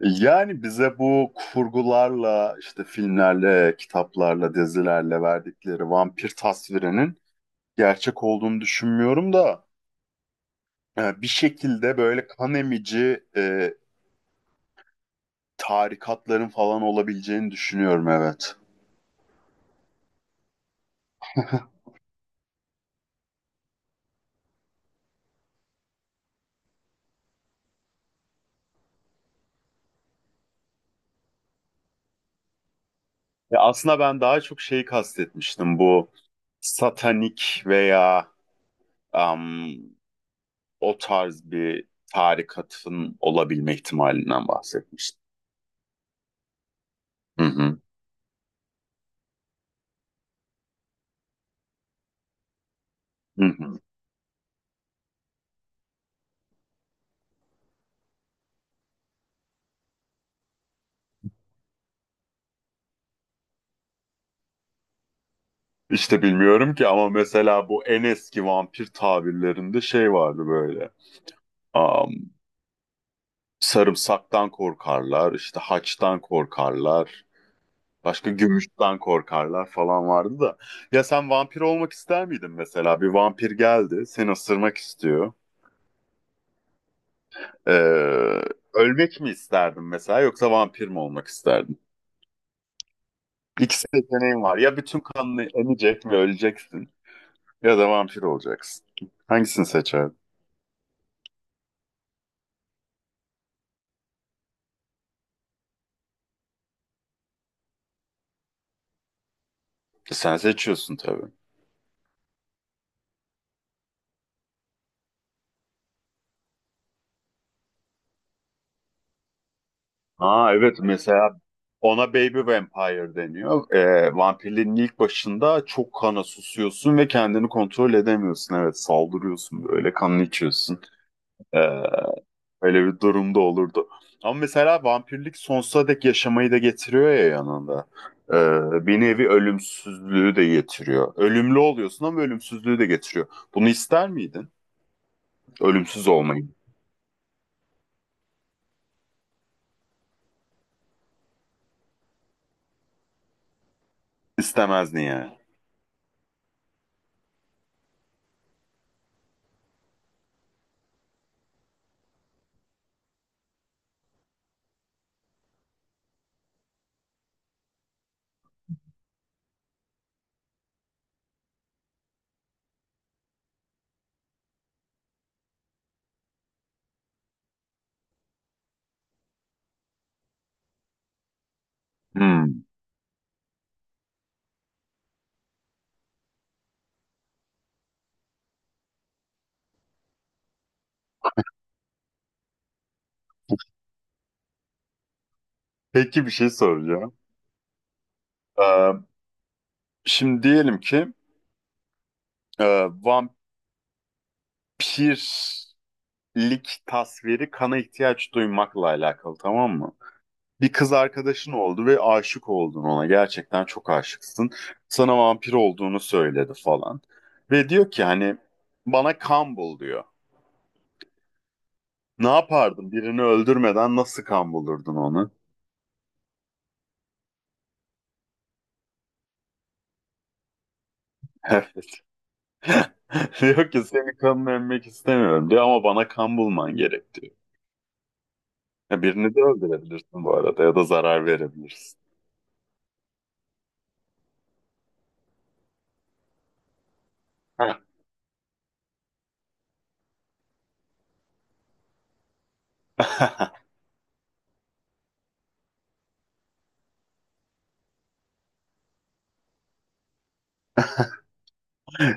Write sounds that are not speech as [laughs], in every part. Yani bize bu kurgularla, işte filmlerle, kitaplarla, dizilerle verdikleri vampir tasvirinin gerçek olduğunu düşünmüyorum da bir şekilde böyle kan emici tarikatların falan olabileceğini düşünüyorum, evet. [laughs] Ya aslında ben daha çok şeyi kastetmiştim, bu satanik veya am, o tarz bir tarikatın olabilme ihtimalinden bahsetmiştim. Hı hı. Hı hı. İşte bilmiyorum ki ama mesela bu en eski vampir tabirlerinde şey vardı böyle. Am, Sarımsaktan korkarlar, işte haçtan korkarlar, başka gümüşten korkarlar falan vardı da. Ya sen vampir olmak ister miydin mesela? Bir vampir geldi, seni ısırmak istiyor. Ee, Ölmek mi isterdin mesela yoksa vampir mi olmak isterdin? İkisi seçeneğin var. Ya bütün kanını emecek ve öleceksin ya da vampir olacaksın. Hangisini seçerdin? Sen seçiyorsun tabii. Ha evet, mesela ona Baby Vampire deniyor. Vampirlerin ilk başında çok kana susuyorsun ve kendini kontrol edemiyorsun. Evet, saldırıyorsun böyle, kanını içiyorsun. Ee, Öyle bir durumda olurdu. Ama mesela vampirlik sonsuza dek yaşamayı da getiriyor ya yanında. Bir nevi ölümsüzlüğü de getiriyor. Ölümlü oluyorsun ama ölümsüzlüğü de getiriyor. Bunu ister miydin? Ölümsüz olmayı. İstemezdin yani. Hmm. Peki, bir şey soracağım. Ee, Şimdi diyelim ki Ee, vampirlik tasviri kana ihtiyaç duymakla alakalı, tamam mı? Bir kız arkadaşın oldu ve aşık oldun ona. Gerçekten çok aşıksın. Sana vampir olduğunu söyledi falan. Ve diyor ki, hani bana kan bul diyor. Ne yapardın? Birini öldürmeden nasıl kan bulurdun onu? [laughs] Evet. Diyor ki seni kanını emmek istemiyorum diyor, ama bana kan bulman gerek diyor. Ya birini de öldürebilirsin bu arada, ya da zarar verebilirsin. [laughs]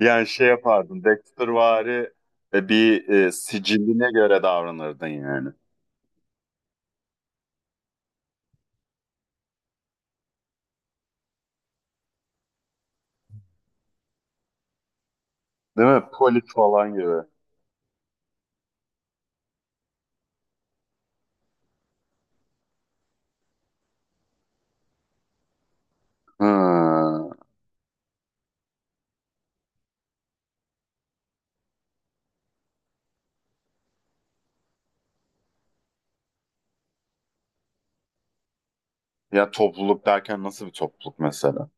Yani şey yapardın. Dextervari bir siciline göre davranırdın yani. Değil mi? Polis falan gibi. Hı. Ya topluluk derken nasıl bir topluluk mesela?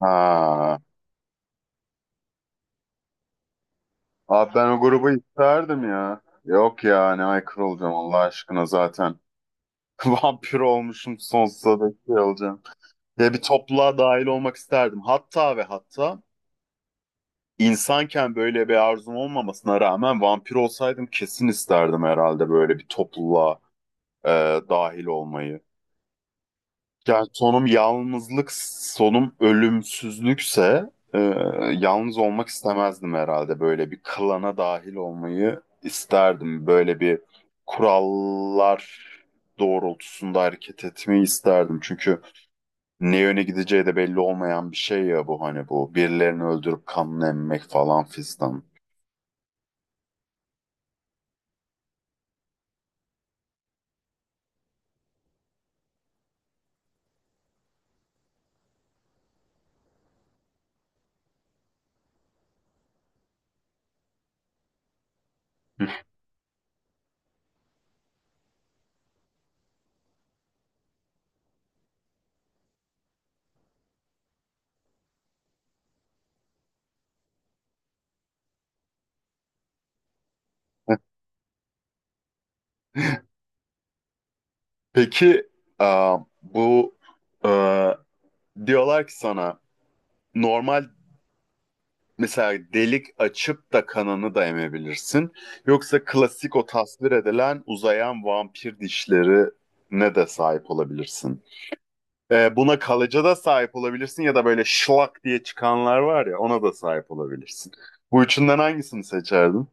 Ha. Abi ben o grubu isterdim ya. Yok ya, ne aykırı olacağım Allah aşkına zaten. [laughs] Vampir olmuşum, sonsuza dek şey olacağım. Ya bir topluluğa dahil olmak isterdim. Hatta ve hatta insanken böyle bir arzum olmamasına rağmen vampir olsaydım kesin isterdim herhalde böyle bir topluluğa e, dahil olmayı. Yani sonum yalnızlık, sonum ölümsüzlükse yalnız olmak istemezdim herhalde. Böyle bir klana dahil olmayı isterdim. Böyle bir kurallar doğrultusunda hareket etmeyi isterdim. Çünkü ne yöne gideceği de belli olmayan bir şey ya bu, hani bu. Birilerini öldürüp kanını emmek falan fistan. [laughs] Peki e, bu e, diyorlar ki sana normal, mesela delik açıp da kanını da emebilirsin. Yoksa klasik o tasvir edilen uzayan vampir dişleri ne de sahip olabilirsin. Buna kalıcı da sahip olabilirsin ya da böyle şlak diye çıkanlar var ya, ona da sahip olabilirsin. Bu üçünden hangisini seçerdin?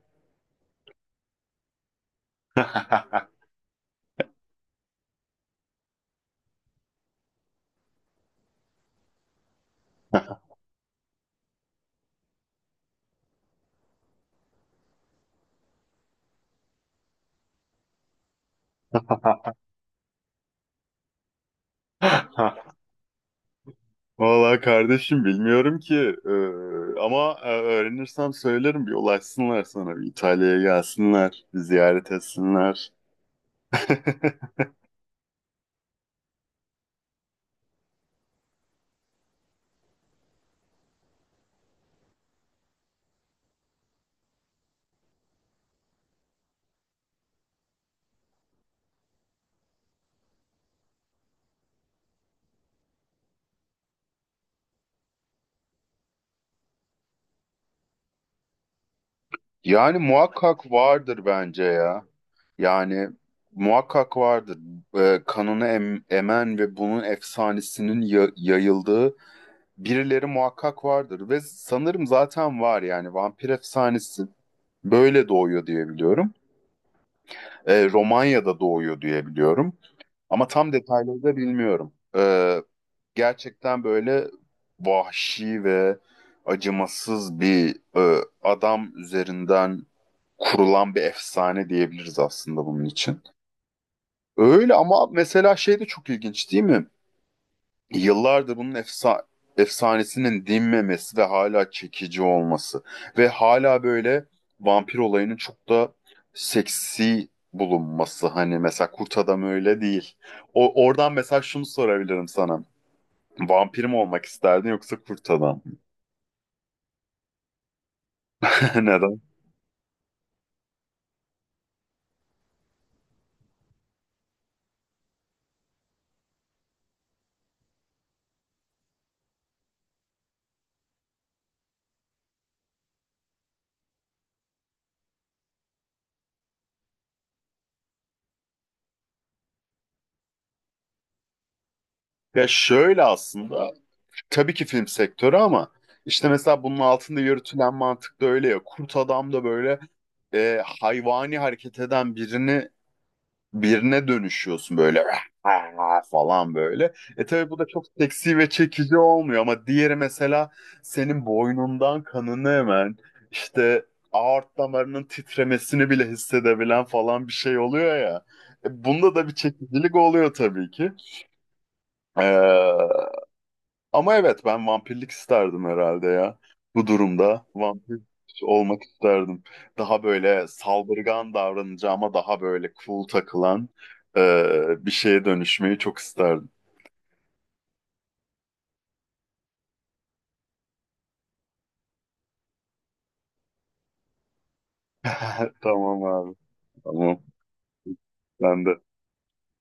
[laughs] Vallahi kardeşim bilmiyorum ki. Ama öğrenirsem söylerim, bir ulaşsınlar sana, bir İtalya'ya gelsinler, bir ziyaret etsinler. [laughs] Yani muhakkak vardır bence ya. Yani muhakkak vardır. Kanını emen ve bunun efsanesinin yayıldığı birileri muhakkak vardır. Ve sanırım zaten var, yani vampir efsanesi böyle doğuyor diye biliyorum. Romanya'da doğuyor diye biliyorum. Ama tam detayları da bilmiyorum. Gerçekten böyle vahşi ve acımasız bir adam üzerinden kurulan bir efsane diyebiliriz aslında bunun için. Öyle, ama mesela şey de çok ilginç değil mi? Yıllardır bunun efsanesinin dinmemesi ve hala çekici olması ve hala böyle vampir olayının çok da seksi bulunması, hani mesela Kurt Adam öyle değil. O oradan mesela şunu sorabilirim sana. Vampir mi olmak isterdin yoksa kurt adam mı? [laughs] Neden? Ya şöyle, aslında tabii ki film sektörü, ama işte mesela bunun altında yürütülen mantık da öyle ya. Kurt adam da böyle hayvani hareket eden birine dönüşüyorsun böyle [laughs] falan böyle. E tabii bu da çok seksi ve çekici olmuyor, ama diğeri mesela senin boynundan kanını hemen işte aort damarının titremesini bile hissedebilen falan bir şey oluyor ya. Bunda da bir çekicilik oluyor tabii ki. Ee, Ama evet, ben vampirlik isterdim herhalde ya. Bu durumda vampir olmak isterdim. Daha böyle saldırgan davranacağıma daha böyle cool takılan bir şeye dönüşmeyi çok isterdim. [laughs] Tamam abi. Tamam. Ben de.